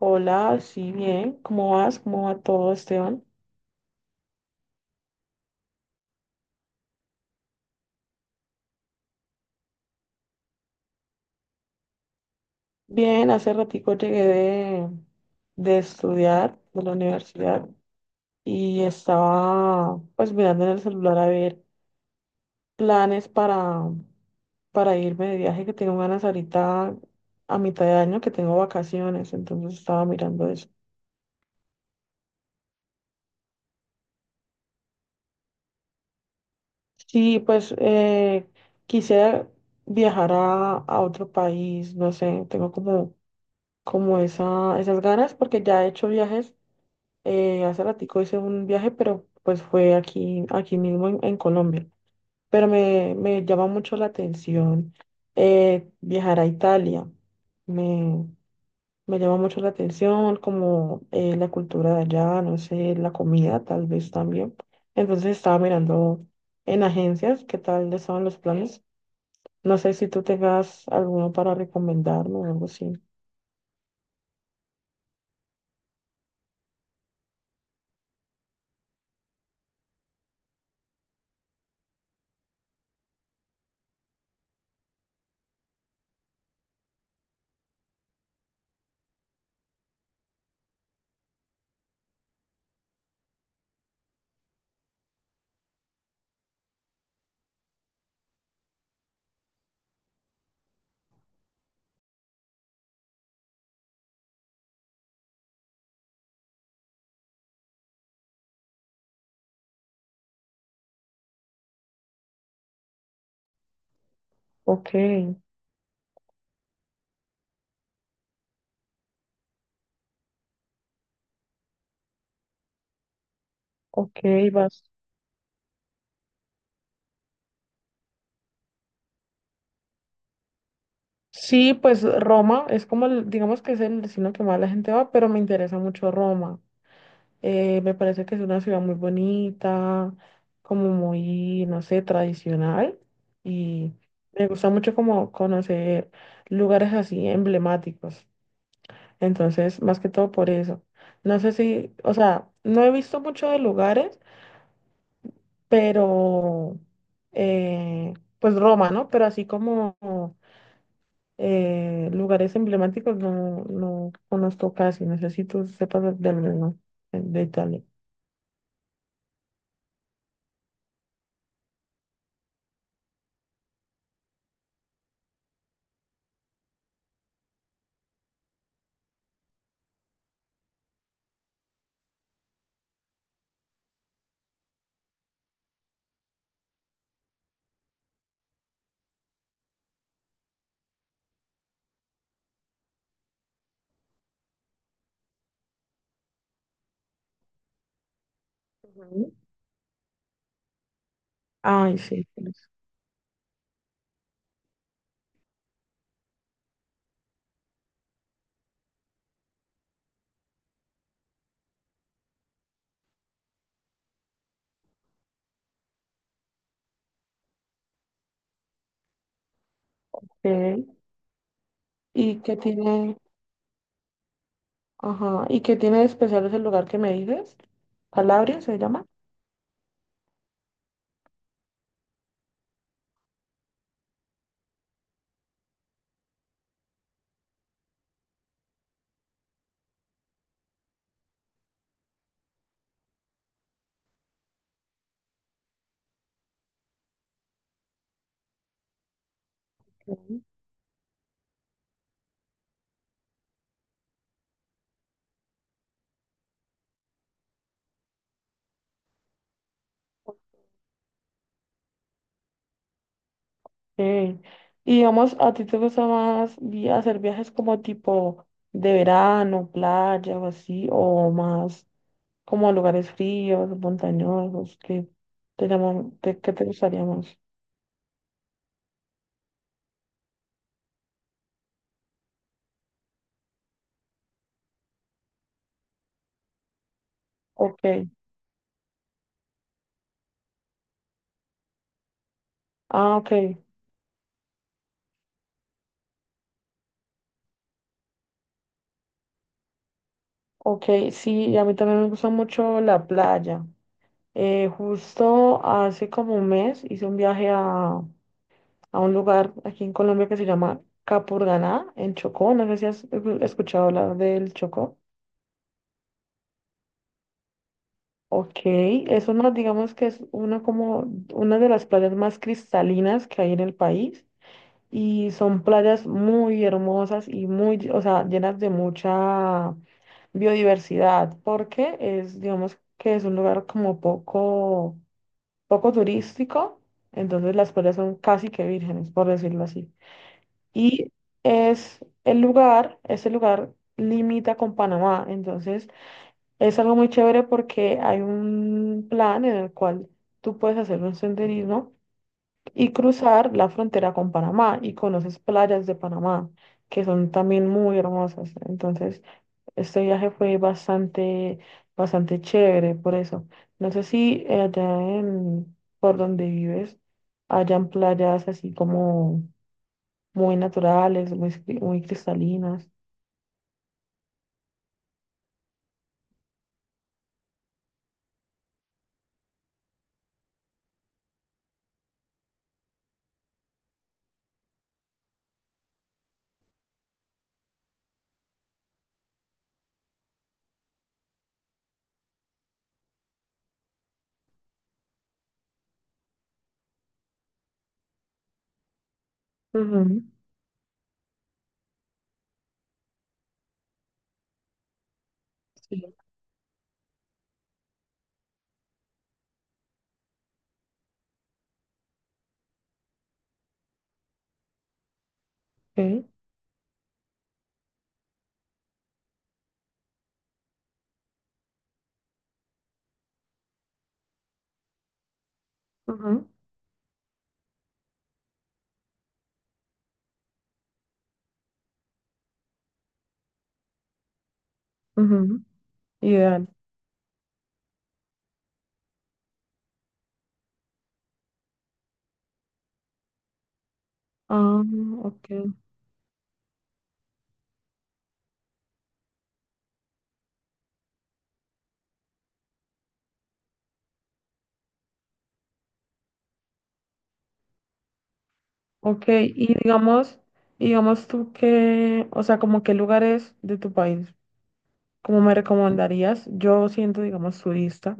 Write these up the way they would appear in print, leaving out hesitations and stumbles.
Hola, sí, bien. ¿Cómo vas? ¿Cómo va todo, Esteban? Bien, hace ratico llegué de estudiar de la universidad y estaba pues mirando en el celular a ver planes para irme de viaje que tengo ganas ahorita a mitad de año que tengo vacaciones, entonces estaba mirando eso. Sí, pues quisiera viajar a otro país, no sé, tengo como esas ganas porque ya he hecho viajes. Hace ratico hice un viaje, pero pues fue aquí, aquí mismo en Colombia. Pero me llama mucho la atención, viajar a Italia. Me, me llama mucho la atención como la cultura de allá, no sé, la comida tal vez también. Entonces estaba mirando en agencias qué tal estaban los planes. No sé si tú tengas alguno para recomendarme o algo así. Ok, ok, vas. Sí, pues Roma es como, digamos que es el destino que más la gente va, pero me interesa mucho Roma. Me parece que es una ciudad muy bonita, como muy, no sé, tradicional. Y me gusta mucho como conocer lugares así emblemáticos. Entonces, más que todo por eso. No sé si, o sea, no he visto mucho de lugares, pero, pues Roma, ¿no? Pero así como lugares emblemáticos no conozco casi. Necesito sé si sepas de alguno, de Italia. Ujú. Ay, sí, pues, ok. ¿Y qué tiene? Ajá. ¿Y qué tiene de especial ese lugar que me dices? Calabria se llama. Ujú. Ok. Y digamos, ¿a ti te gusta más hacer viajes como tipo de verano, playa o así, o más como a lugares fríos, montañosos, que te llaman, qué te gustaría más? Ok. Ah, ok, ok, sí, a mí también me gusta mucho la playa. Justo hace como un mes hice un viaje a un lugar aquí en Colombia que se llama Capurganá, en Chocó. No sé si has escuchado hablar del Chocó. Ok, eso no, digamos que es una como una de las playas más cristalinas que hay en el país. Y son playas muy hermosas y muy, o sea, llenas de mucha biodiversidad, porque es, digamos que es un lugar como poco turístico, entonces las playas son casi que vírgenes, por decirlo así. Y es el lugar, ese lugar limita con Panamá, entonces es algo muy chévere porque hay un plan en el cual tú puedes hacer un senderismo y cruzar la frontera con Panamá y conoces playas de Panamá que son también muy hermosas. Entonces, este viaje fue bastante, bastante chévere por eso. No sé si allá en, por donde vives hayan playas así como muy naturales, muy, muy cristalinas. Ujú, sí, ok. Ujú, ujú, ideal. Ah, ok. Ok, y digamos, digamos tú que, o sea, como qué lugares de tu país, ¿cómo me recomendarías, yo siendo, digamos, turista,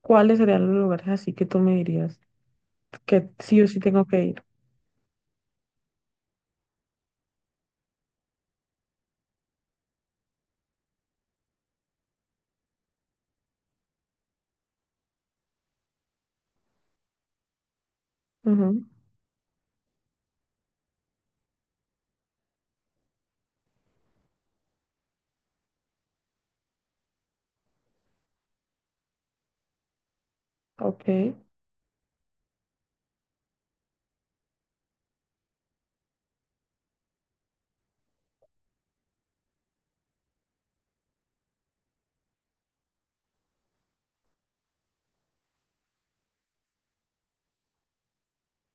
cuáles serían los lugares así que tú me dirías que sí o sí tengo que ir? Ujú, ok,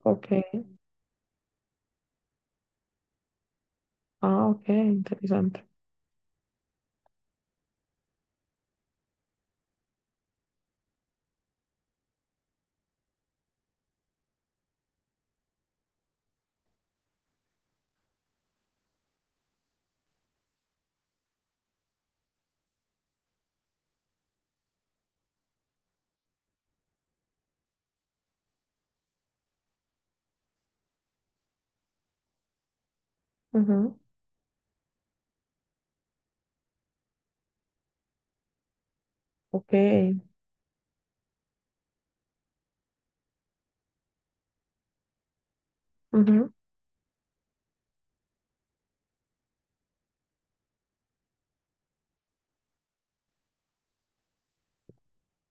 ok, ah, ok, interesante. Ujú, ok, ujú,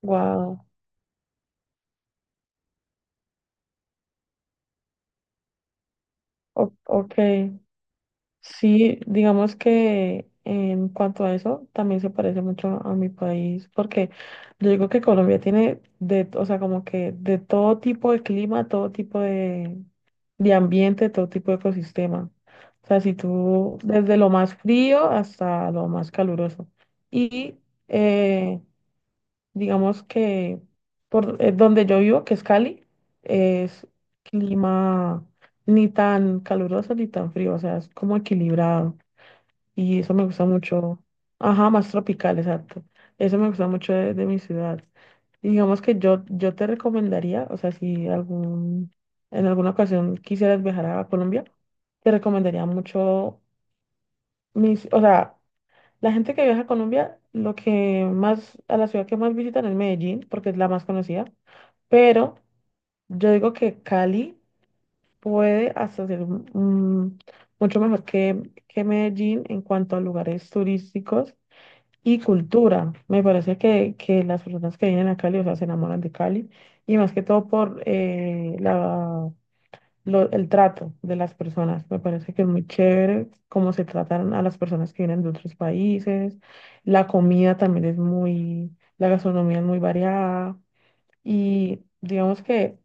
wow, ok. Sí, digamos que en cuanto a eso, también se parece mucho a mi país, porque yo digo que Colombia tiene de, o sea, como que de todo tipo de clima, todo tipo de ambiente, todo tipo de ecosistema. O sea, si tú, desde lo más frío hasta lo más caluroso. Y eh, digamos que por donde yo vivo, que es Cali, es clima ni tan caluroso ni tan frío, o sea, es como equilibrado. Y eso me gusta mucho. Ajá, más tropical, exacto. Eso me gusta mucho de mi ciudad. Y digamos que yo te recomendaría, o sea, si algún, en alguna ocasión quisieras viajar a Colombia, te recomendaría mucho mis, o sea, la gente que viaja a Colombia, lo que más, a la ciudad que más visitan es Medellín, porque es la más conocida, pero yo digo que Cali puede hasta ser mucho mejor que Medellín en cuanto a lugares turísticos y cultura. Me parece que las personas que vienen a Cali, o sea, se enamoran de Cali y más que todo por la, el trato de las personas. Me parece que es muy chévere cómo se tratan a las personas que vienen de otros países. La comida también es muy, la gastronomía es muy variada y digamos que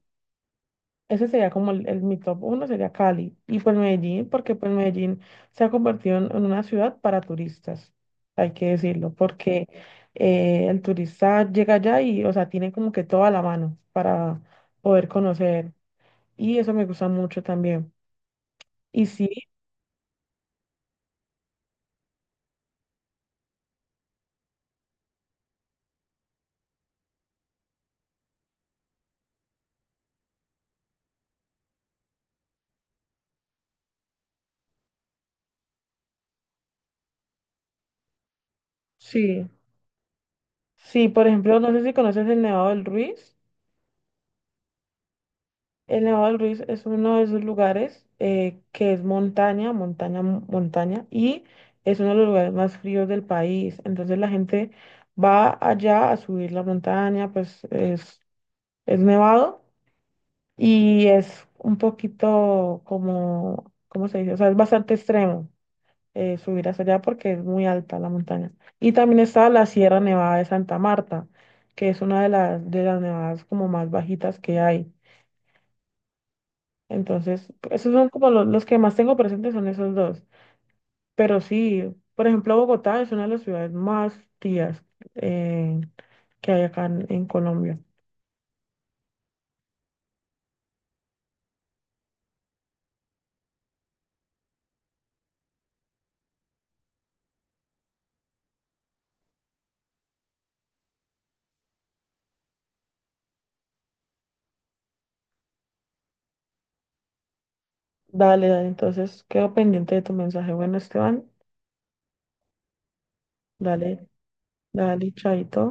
ese sería como el, mi top uno, sería Cali. Y pues Medellín, porque pues Medellín se ha convertido en una ciudad para turistas, hay que decirlo, porque el turista llega allá y, o sea, tiene como que toda la mano para poder conocer. Y eso me gusta mucho también. Y sí, sí, sí, por ejemplo, no sé si conoces el Nevado del Ruiz. El Nevado del Ruiz es uno de esos lugares, que es montaña, montaña, montaña, y es uno de los lugares más fríos del país. Entonces la gente va allá a subir la montaña, pues es nevado y es un poquito como, ¿cómo se dice? O sea, es bastante extremo subir hasta allá porque es muy alta la montaña. Y también está la Sierra Nevada de Santa Marta, que es una de las nevadas como más bajitas que hay. Entonces, esos son como los, que más tengo presentes son esos dos. Pero sí, por ejemplo, Bogotá es una de las ciudades más tías, eh, que hay acá en Colombia. Dale, dale, entonces quedo pendiente de tu mensaje. Bueno, Esteban, dale, dale, chaito.